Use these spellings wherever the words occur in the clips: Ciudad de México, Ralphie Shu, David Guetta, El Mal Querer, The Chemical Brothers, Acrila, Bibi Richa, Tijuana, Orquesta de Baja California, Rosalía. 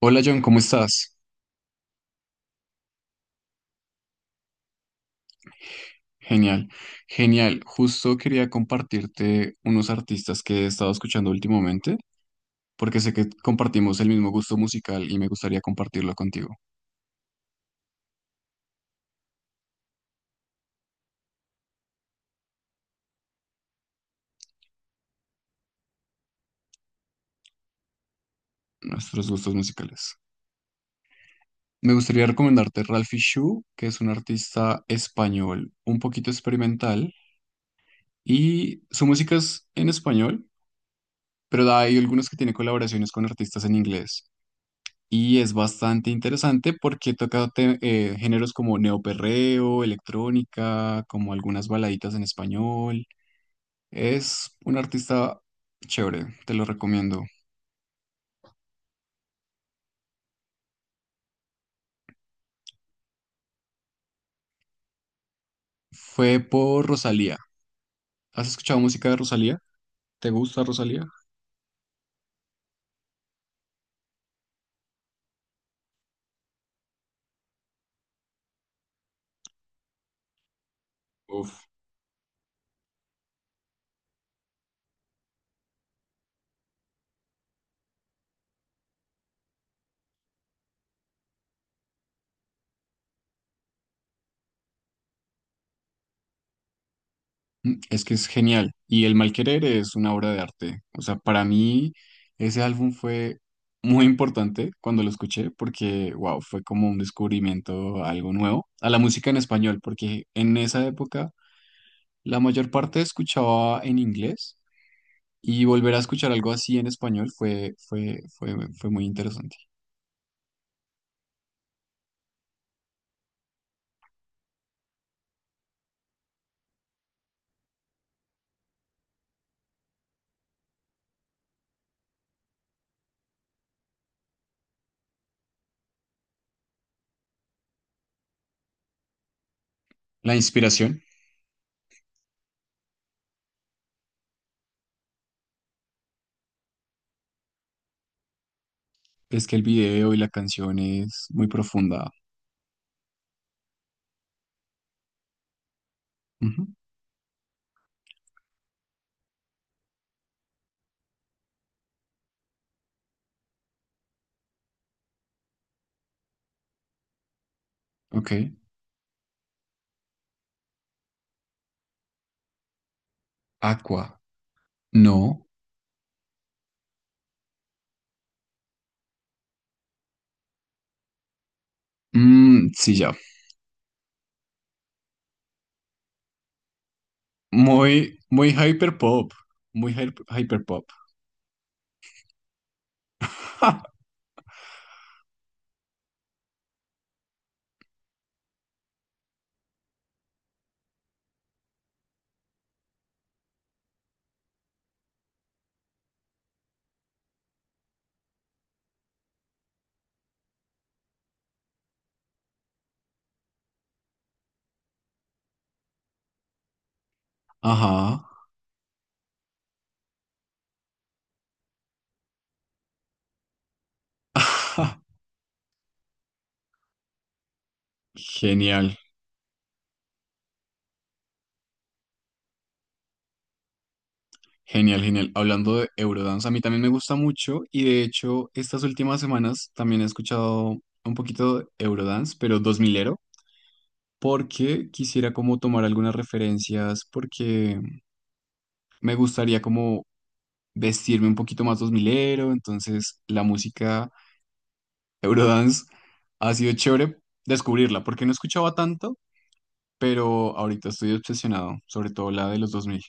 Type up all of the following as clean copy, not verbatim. Hola John, ¿cómo estás? Genial, genial. Justo quería compartirte unos artistas que he estado escuchando últimamente, porque sé que compartimos el mismo gusto musical y me gustaría compartirlo contigo, nuestros gustos musicales. Me gustaría recomendarte Ralphie Shu, que es un artista español un poquito experimental y su música es en español, pero hay algunos que tiene colaboraciones con artistas en inglés. Y es bastante interesante porque toca géneros como neoperreo, electrónica, como algunas baladitas en español. Es un artista chévere, te lo recomiendo. Fue por Rosalía. ¿Has escuchado música de Rosalía? ¿Te gusta Rosalía? Uf. Mm, es que es genial. Y El Mal Querer es una obra de arte. O sea, para mí ese álbum fue muy importante cuando lo escuché porque, wow, fue como un descubrimiento, algo nuevo a la música en español, porque en esa época la mayor parte escuchaba en inglés y volver a escuchar algo así en español fue muy interesante. La inspiración es que el video y la canción es muy profunda. Ujú. Ok. Aqua. No. Mm, sí, ya. Muy, muy hyperpop. Muy hyperpop. Ajá. Genial, genial, genial. Hablando de Eurodance, a mí también me gusta mucho y de hecho estas últimas semanas también he escuchado un poquito de Eurodance, pero dos milero porque quisiera como tomar algunas referencias, porque me gustaría como vestirme un poquito más dos milero, entonces la música Eurodance ha sido chévere descubrirla, porque no escuchaba tanto, pero ahorita estoy obsesionado, sobre todo la de los dos mil.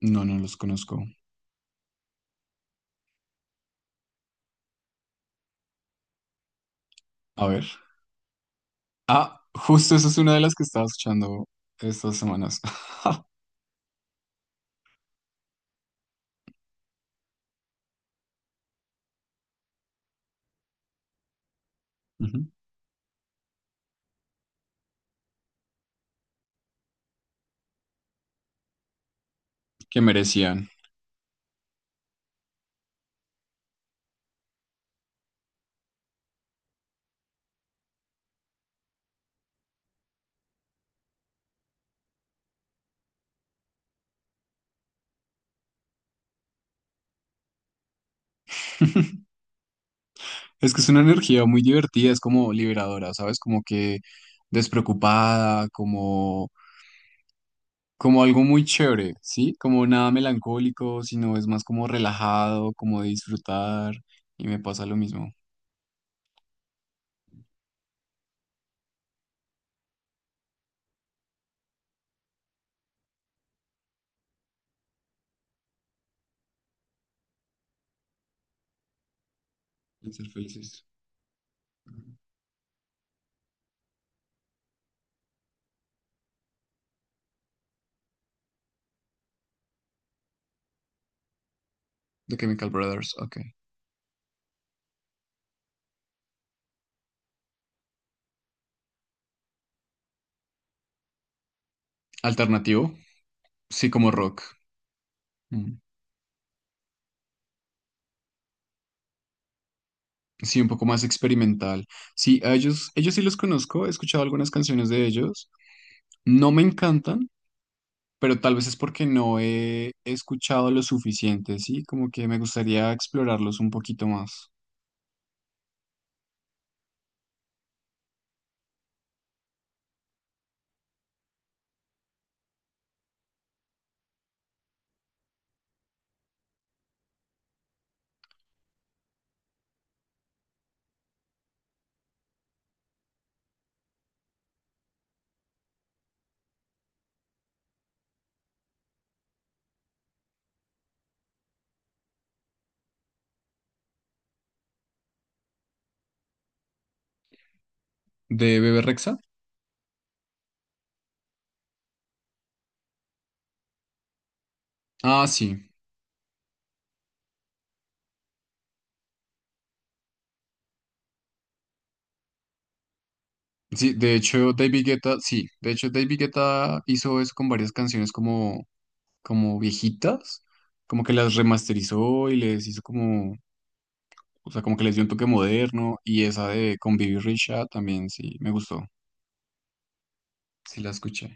No, no los conozco. A ver. Ah, justo esa es una de las que estaba escuchando estas semanas. Ujú. Que merecían. Es que es una energía muy divertida, es como liberadora, ¿sabes? Como que despreocupada, como, como algo muy chévere, ¿sí? Como nada melancólico, sino es más como relajado, como de disfrutar. Y me pasa lo mismo. De ser felices. The Chemical Brothers, ok. Alternativo, sí, como rock. Mm. Sí, un poco más experimental. Sí, a ellos, ellos sí los conozco, he escuchado algunas canciones de ellos. No me encantan, pero tal vez es porque no he escuchado lo suficiente, sí, como que me gustaría explorarlos un poquito más. ¿De Bebe Rexha? Ah, sí. Sí, de hecho, David Guetta, sí, de hecho, David Guetta hizo eso con varias canciones como, como viejitas, como que las remasterizó y les hizo como... O sea, como que les dio un toque moderno y esa de con Bibi Richa también sí me gustó. Sí la escuché.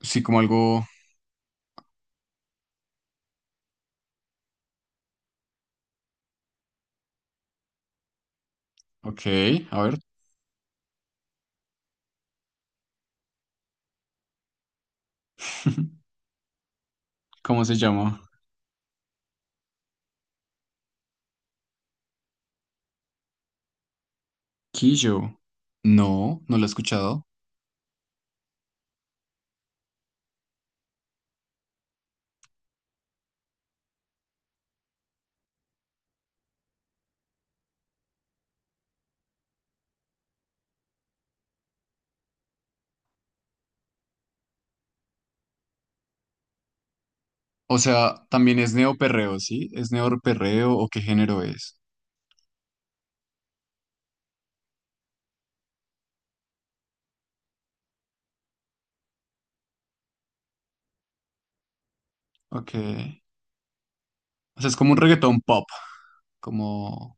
Sí, como algo. Ok, a ver. ¿Cómo se llama? Quillo. No, no lo he escuchado. O sea, también es neoperreo, ¿sí? ¿Es neoperreo o qué género es? Ok. O sea, es como un reggaetón pop, como,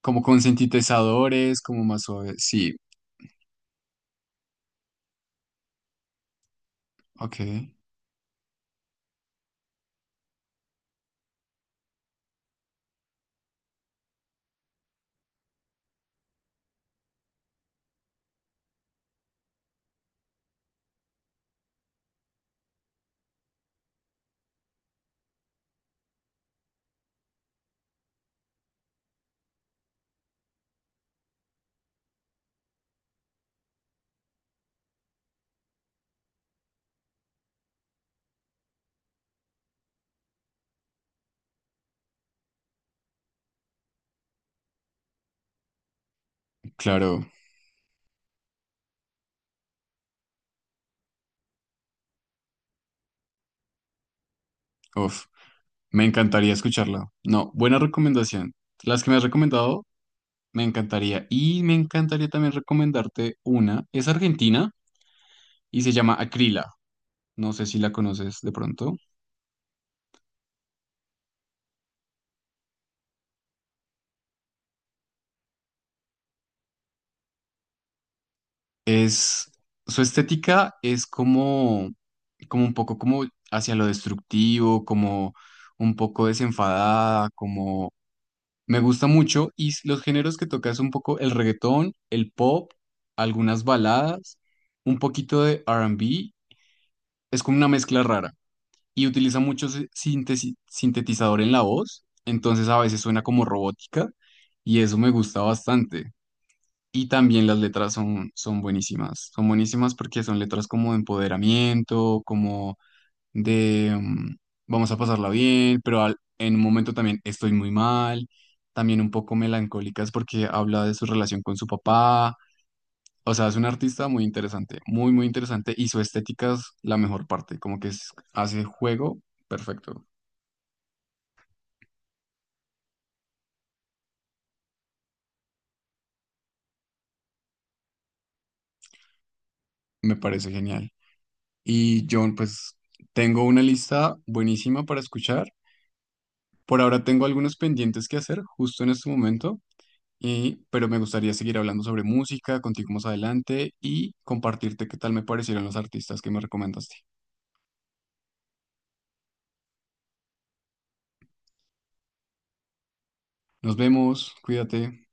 como con sintetizadores, como más suave. Sí, ok. Claro. Uf, me encantaría escucharla. No, buena recomendación. Las que me has recomendado... Me encantaría. Y me encantaría también recomendarte una. Es argentina y se llama Acrila. No sé si la conoces de pronto. Es, su estética es como, como un poco como hacia lo destructivo, como un poco desenfadada. Me gusta mucho y los géneros que toca es un poco el reggaetón, el pop, algunas baladas, un poquito de R&B, es como una mezcla rara y utiliza mucho sintetizador en la voz, entonces a veces suena como robótica y eso me gusta bastante. Y también las letras son, son buenísimas porque son letras como de empoderamiento, de vamos a pasarla bien, pero en un momento también estoy muy mal, también un poco melancólicas porque habla de su relación con su papá. O sea, es un artista muy interesante, muy, muy interesante y su estética es la mejor parte, como que hace juego perfecto, me parece genial. Y John, pues tengo una lista buenísima para escuchar. Por ahora tengo algunos pendientes que hacer justo en este momento. Y, pero me gustaría seguir hablando sobre música contigo más adelante y compartirte qué tal me parecieron los artistas que me recomendaste. Nos vemos, cuídate.